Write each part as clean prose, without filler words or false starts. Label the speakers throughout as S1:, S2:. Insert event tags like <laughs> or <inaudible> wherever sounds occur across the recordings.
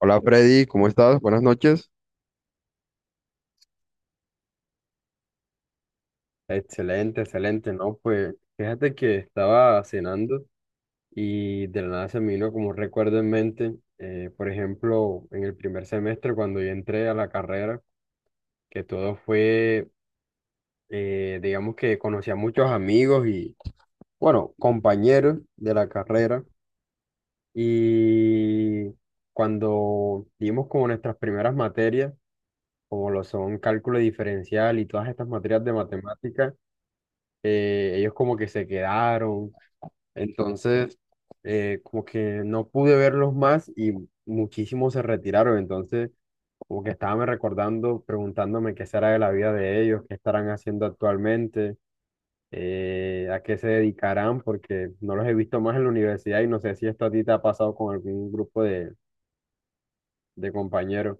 S1: Hola Freddy, ¿cómo estás? Buenas noches. Excelente, excelente, ¿no? Pues fíjate que estaba cenando y de la nada se me vino como un recuerdo en mente, por ejemplo, en el primer semestre cuando yo entré a la carrera, que todo fue, digamos que conocí a muchos amigos y, bueno, compañeros de la carrera y cuando dimos como nuestras primeras materias, como lo son cálculo diferencial y todas estas materias de matemáticas, ellos como que se quedaron, entonces como que no pude verlos más y muchísimos se retiraron, entonces como que estaba me recordando, preguntándome qué será de la vida de ellos, qué estarán haciendo actualmente, a qué se dedicarán, porque no los he visto más en la universidad y no sé si esto a ti te ha pasado con algún grupo de compañeros.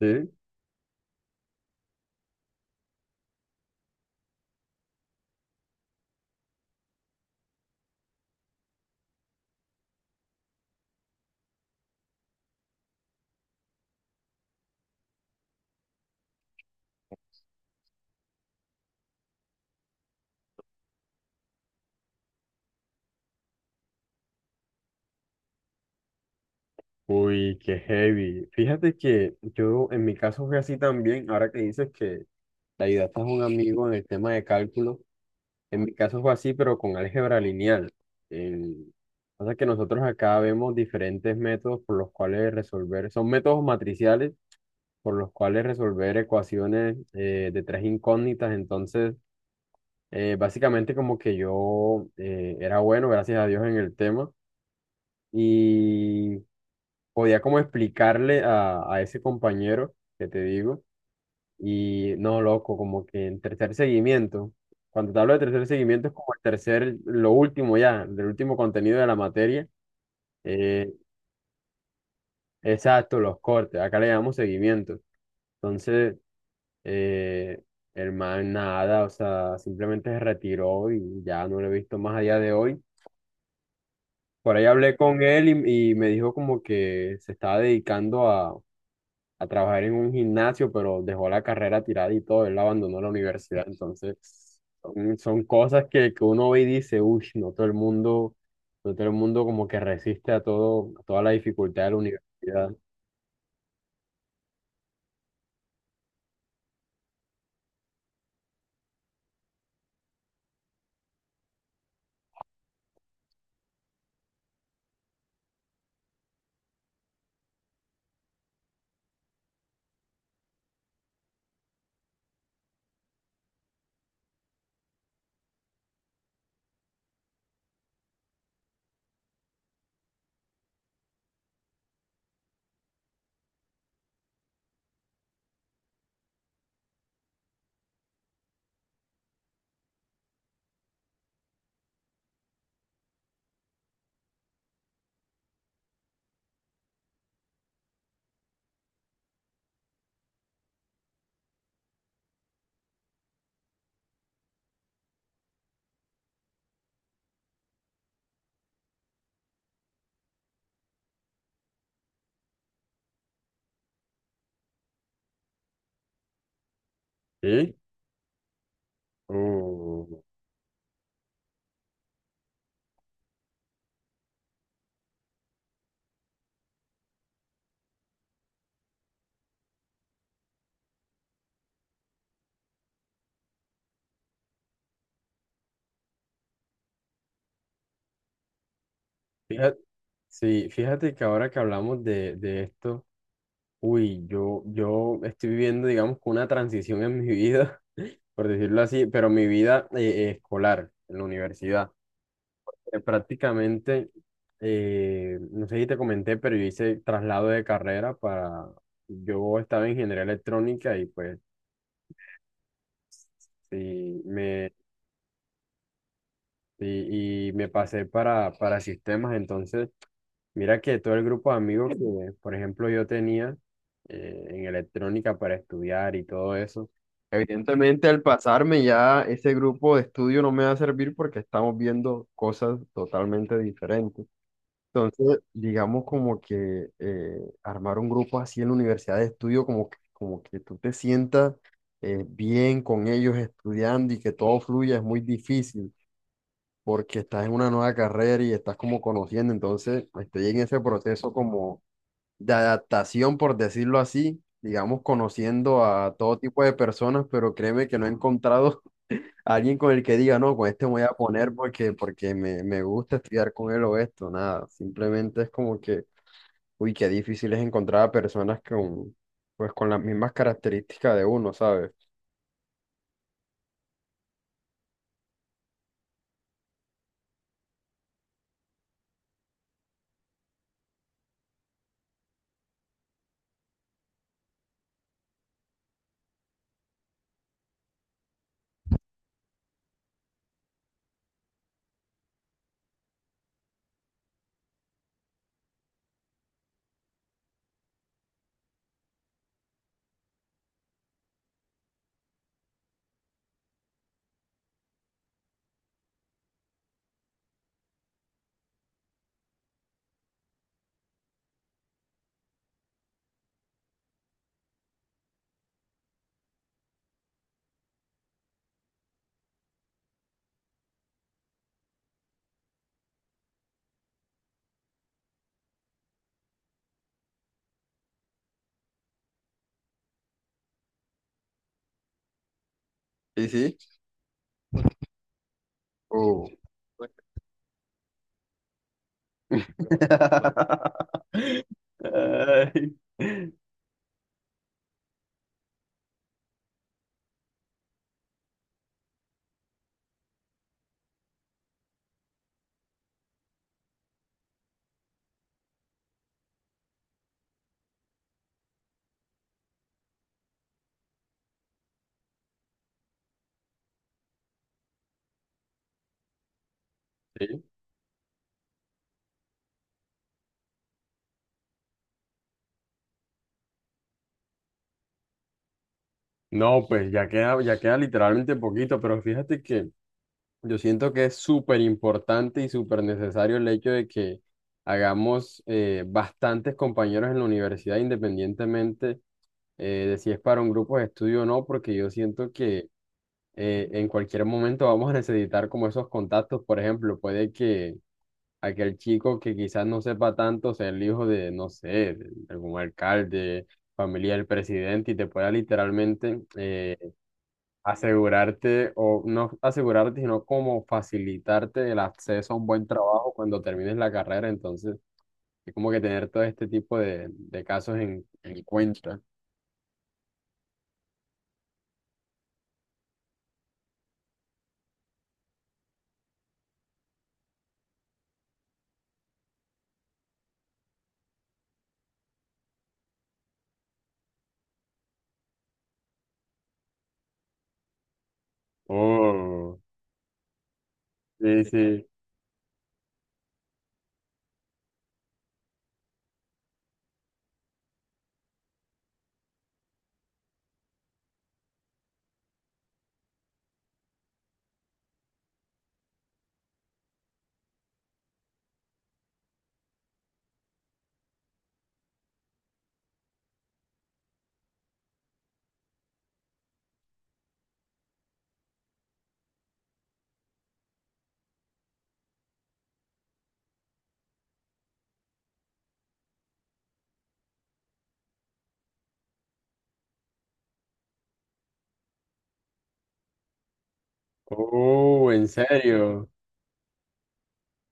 S1: Sí. Uy, qué heavy. Fíjate que yo en mi caso fue así también, ahora que dices que le ayudaste a un amigo en el tema de cálculo. En mi caso fue así, pero con álgebra lineal. El- Pasa que nosotros acá vemos diferentes métodos por los cuales resolver, son métodos matriciales por los cuales resolver ecuaciones de tres incógnitas. Entonces, básicamente como que yo era bueno, gracias a Dios, en el tema y podía como explicarle a ese compañero que te digo. Y no, loco, como que el tercer seguimiento, cuando te hablo de tercer seguimiento es como el tercer, lo último ya, el último contenido de la materia, eh, exacto, los cortes, acá le llamamos seguimiento. Entonces, eh, el man nada, o sea, simplemente se retiró y ya no lo he visto más allá de hoy. Por ahí hablé con él y me dijo como que se estaba dedicando a trabajar en un gimnasio, pero dejó la carrera tirada y todo, él abandonó la universidad. Entonces, son, son cosas que uno ve y dice, uy, no todo el mundo, no todo el mundo como que resiste a todo, a toda la dificultad de la universidad. Sí. Mm, fíjate, sí, fíjate que ahora que hablamos de esto, uy, yo estoy viviendo, digamos, que una transición en mi vida, <laughs> por decirlo así, pero mi vida escolar, en la universidad. Prácticamente, no sé si te comenté, pero yo hice traslado de carrera para, yo estaba en ingeniería electrónica y pues sí, me, y me pasé para sistemas. Entonces, mira que todo el grupo de amigos que, por ejemplo, yo tenía en electrónica para estudiar y todo eso, evidentemente al pasarme ya ese grupo de estudio no me va a servir porque estamos viendo cosas totalmente diferentes. Entonces, digamos como que armar un grupo así en la universidad de estudio, como que tú te sientas bien con ellos estudiando y que todo fluya, es muy difícil porque estás en una nueva carrera y estás como conociendo, entonces estoy en ese proceso como de adaptación, por decirlo así, digamos, conociendo a todo tipo de personas, pero créeme que no he encontrado <laughs> a alguien con el que diga, no, con este me voy a poner porque, porque me gusta estudiar con él o esto, nada, simplemente es como que uy, qué difícil es encontrar a personas con, pues, con las mismas características de uno, ¿sabes? Sí, sí. Uh, <laughs> ay. Sí. No, pues ya queda literalmente poquito, pero fíjate que yo siento que es súper importante y súper necesario el hecho de que hagamos bastantes compañeros en la universidad, independientemente de si es para un grupo de estudio o no, porque yo siento que en cualquier momento vamos a necesitar como esos contactos. Por ejemplo, puede que aquel chico que quizás no sepa tanto sea el hijo de, no sé, de algún alcalde, familia del presidente y te pueda literalmente asegurarte, o no asegurarte, sino como facilitarte el acceso a un buen trabajo cuando termines la carrera. Entonces, es como que tener todo este tipo de casos en cuenta. Oh, sí, sí. Oh, en serio.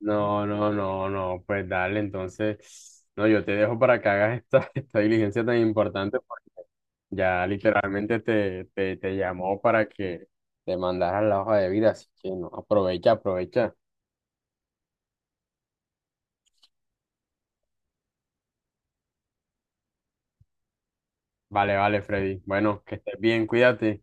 S1: No, no, no, no, pues dale, entonces, no, yo te dejo para que hagas esta, <laughs> esta diligencia tan importante porque ya literalmente te, te, te llamó para que te mandaras la hoja de vida, así que no, aprovecha, aprovecha. Vale, vale, Freddy. Bueno, que estés bien, cuídate.